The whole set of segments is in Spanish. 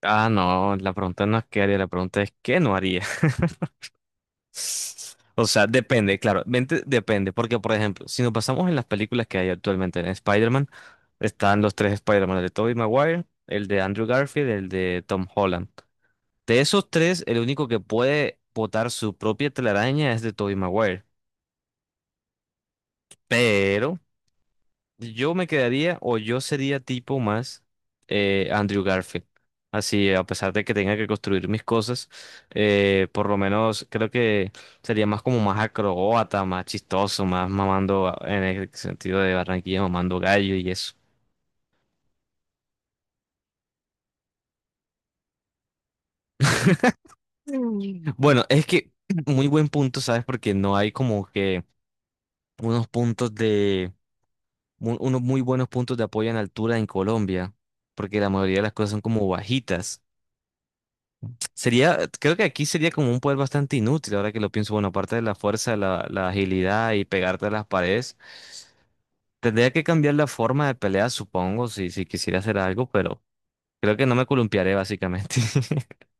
Ah, no, la pregunta no es qué haría, la pregunta es qué no haría. O sea, depende, claro, depende, porque por ejemplo, si nos pasamos en las películas que hay actualmente en Spider-Man, están los tres Spider-Man, el de Tobey Maguire, el de Andrew Garfield, el de Tom Holland. De esos tres, el único que puede botar su propia telaraña es de Tobey Maguire. Yo me quedaría o yo sería tipo más Andrew Garfield. Así, a pesar de que tenga que construir mis cosas, por lo menos creo que sería más como más acrobata, más chistoso, más en el sentido de Barranquilla, mamando gallo y eso. Mm. Bueno, es que muy buen punto, ¿sabes? Porque no hay como que unos puntos de, unos muy buenos puntos de apoyo en altura en Colombia, porque la mayoría de las cosas son como bajitas. Sería, creo que aquí sería como un poder bastante inútil, ahora que lo pienso, bueno, aparte de la fuerza, la agilidad y pegarte a las paredes, tendría que cambiar la forma de pelea, supongo, si quisiera hacer algo, pero creo que no me columpiaré básicamente.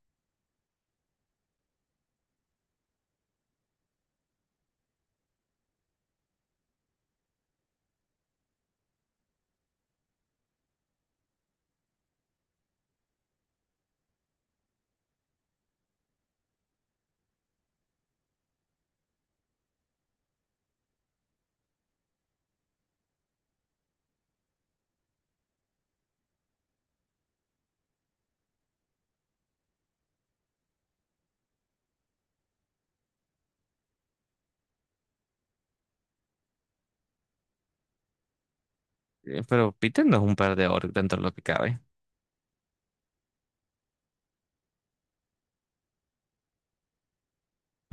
Pero Peter no es un perdedor dentro de lo que cabe.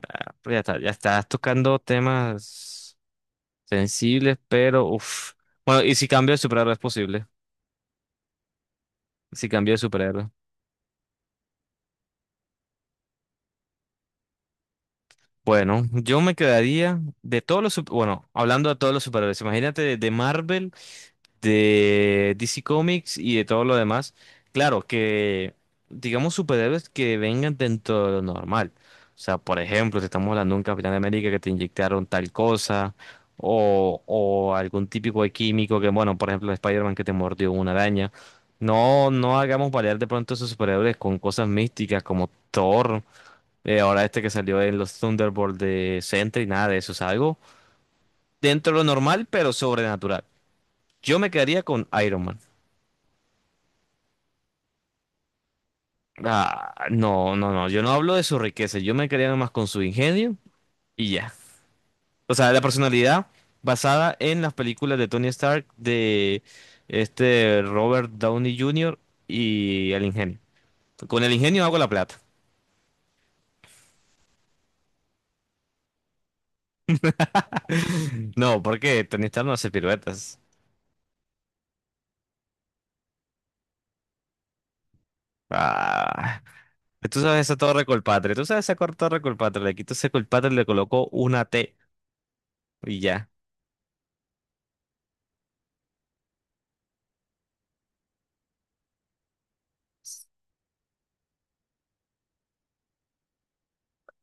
Ah, pero ya está, ya estás tocando temas sensibles, pero uff. Bueno, ¿y si cambio de superhéroe es posible? Si cambio de superhéroe. Bueno, yo me quedaría de todos los, bueno, hablando de todos los superhéroes, imagínate de Marvel, de DC Comics y de todo lo demás. Claro, que digamos superhéroes que vengan dentro de lo normal. O sea, por ejemplo, si estamos hablando de un Capitán América que te inyectaron tal cosa, o algún típico de químico que, bueno, por ejemplo, Spider-Man que te mordió una araña. No, no hagamos variar de pronto esos superhéroes con cosas místicas como Thor, ahora este que salió en los Thunderbolts de Sentry, nada de eso, es algo dentro de lo normal, pero sobrenatural. Yo me quedaría con Iron Man. Ah, no, no, no, yo no hablo de su riqueza, yo me quería nomás con su ingenio y ya. O sea, la personalidad basada en las películas de Tony Stark, de este Robert Downey Jr. y el ingenio. Con el ingenio hago la plata. No, porque Tony Stark no hace piruetas. Ah, tú sabes esa torre Colpatria, tú sabes esa torre Colpatria, le quito ese Colpatria y le colocó una T y ya.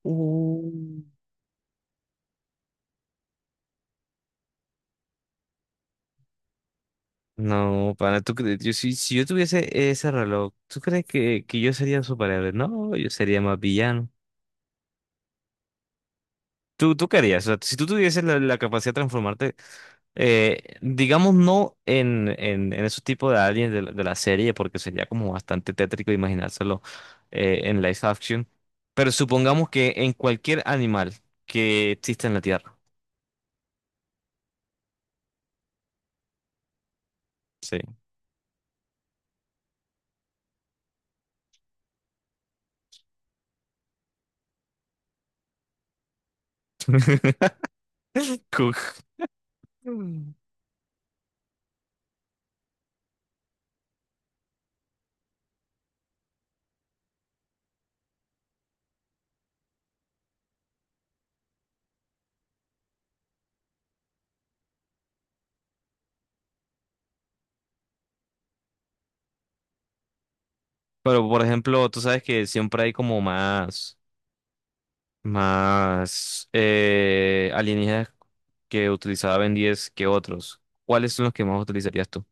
Uh. No, pana, si, si yo tuviese ese reloj, ¿tú crees que yo sería un superhéroe? No, yo sería más villano. ¿Tú querías? O sea, si tú tuvieses la, la capacidad de transformarte, digamos, no en esos tipos de aliens de la serie, porque sería como bastante tétrico imaginárselo en live action, pero supongamos que en cualquier animal que exista en la Tierra. Sí. Cook. Mm. Pero, por ejemplo, tú sabes que siempre hay como más. Más alienígenas que utilizaba Ben 10 que otros. ¿Cuáles son los que más utilizarías tú?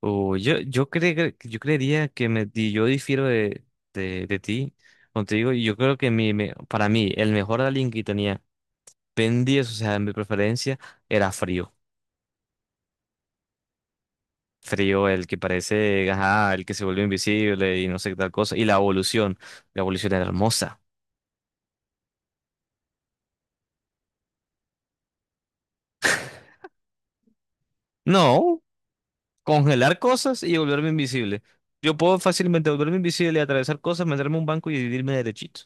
Yo creería que yo difiero de, de ti. Como te digo, yo creo que para mí el mejor alien que tenía Ben 10, o sea, en mi preferencia, era Frío. Frío, el que parece, ajá, el que se volvió invisible y no sé qué tal cosa. Y la evolución era hermosa. No. Congelar cosas y volverme invisible. Yo puedo fácilmente volverme invisible, atravesar cosas, meterme a un banco y dividirme derechito.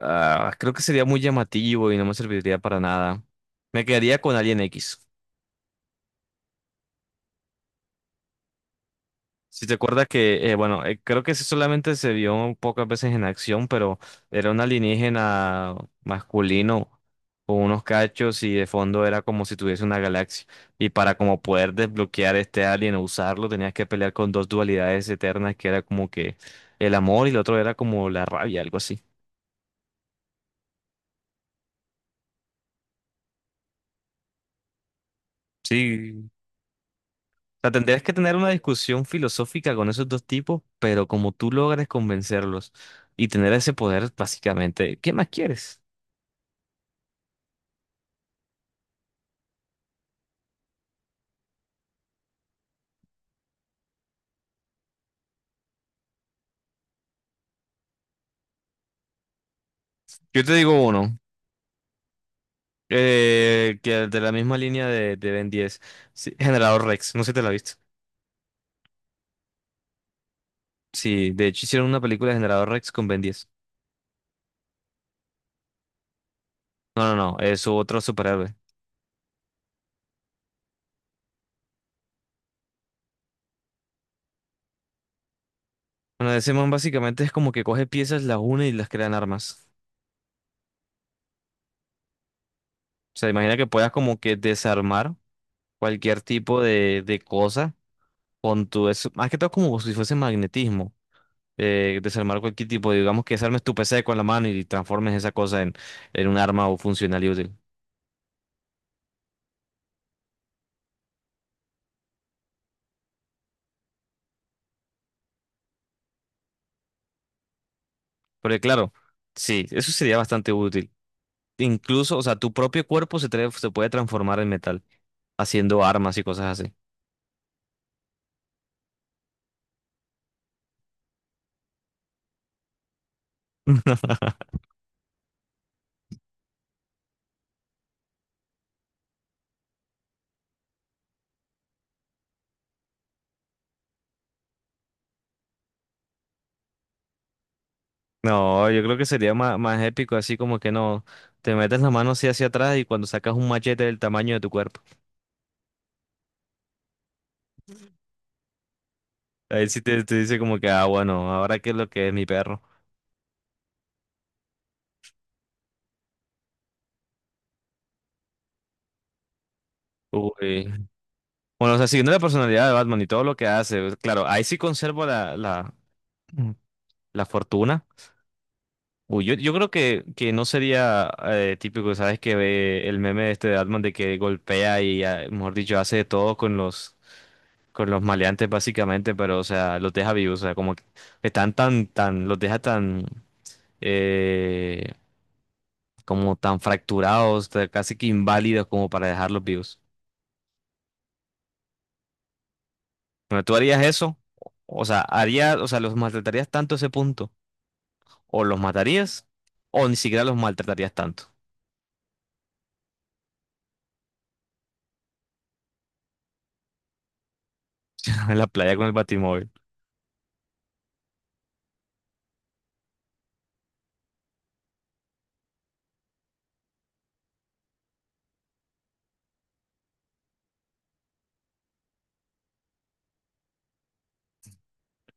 Ah, creo que sería muy llamativo y no me serviría para nada. Me quedaría con Alien X. Si te acuerdas que, bueno, creo que ese solamente se vio pocas veces en acción, pero era un alienígena masculino con unos cachos y de fondo era como si tuviese una galaxia. Y para como poder desbloquear este alien o usarlo, tenías que pelear con dos dualidades eternas, que era como que el amor y el otro era como la rabia, algo así. Sí. O sea, tendrías que tener una discusión filosófica con esos dos tipos, pero como tú logres convencerlos y tener ese poder, básicamente, ¿qué más quieres? Yo te digo uno. Que de la misma línea de Ben 10. Sí, Generador Rex, no sé si te la viste. Sí, de hecho hicieron una película de Generador Rex con Ben 10. No, no, no, es otro superhéroe. Bueno, ese man básicamente es como que coge piezas, las une y las crean armas. O sea, imagina que puedas como que desarmar cualquier tipo de cosa con tu... Es, más que todo como si fuese magnetismo. Desarmar cualquier tipo, digamos que desarmes tu PC con la mano y transformes esa cosa en un arma o funcional y útil. Porque claro, sí, eso sería bastante útil. Incluso, o sea, tu propio cuerpo se puede transformar en metal, haciendo armas y cosas así. No, yo creo que sería más, más épico, así como que no, te metes la mano así hacia atrás y cuando sacas un machete del tamaño de tu cuerpo, ahí sí te dice como que, ah, bueno, ahora qué es lo que es mi perro. Uy. Bueno, o sea, siguiendo la personalidad de Batman y todo lo que hace, pues, claro, ahí sí conservo la fortuna. Uy, yo creo que no sería típico, ¿sabes? Que ve el meme este de Atman de que golpea y, ah, mejor dicho, hace de todo con los maleantes básicamente, pero, o sea, los deja vivos, o sea, como que están tan, los deja tan, eh, como tan fracturados, tan casi que inválidos como para dejarlos vivos. Bueno, ¿tú harías eso? O sea, harías, o sea, los maltratarías tanto a ese punto, o los matarías, o ni siquiera los maltratarías tanto. En la playa con el batimóvil.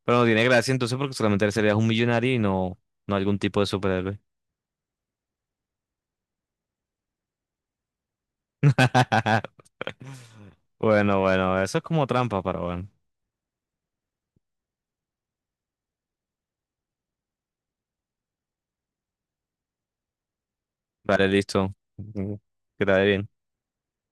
Pero no tiene gracia entonces porque solamente serías un millonario y no, no algún tipo de superhéroe. Bueno, bueno, eso es como trampa, pero bueno. Vale, listo. Que te vaya bien.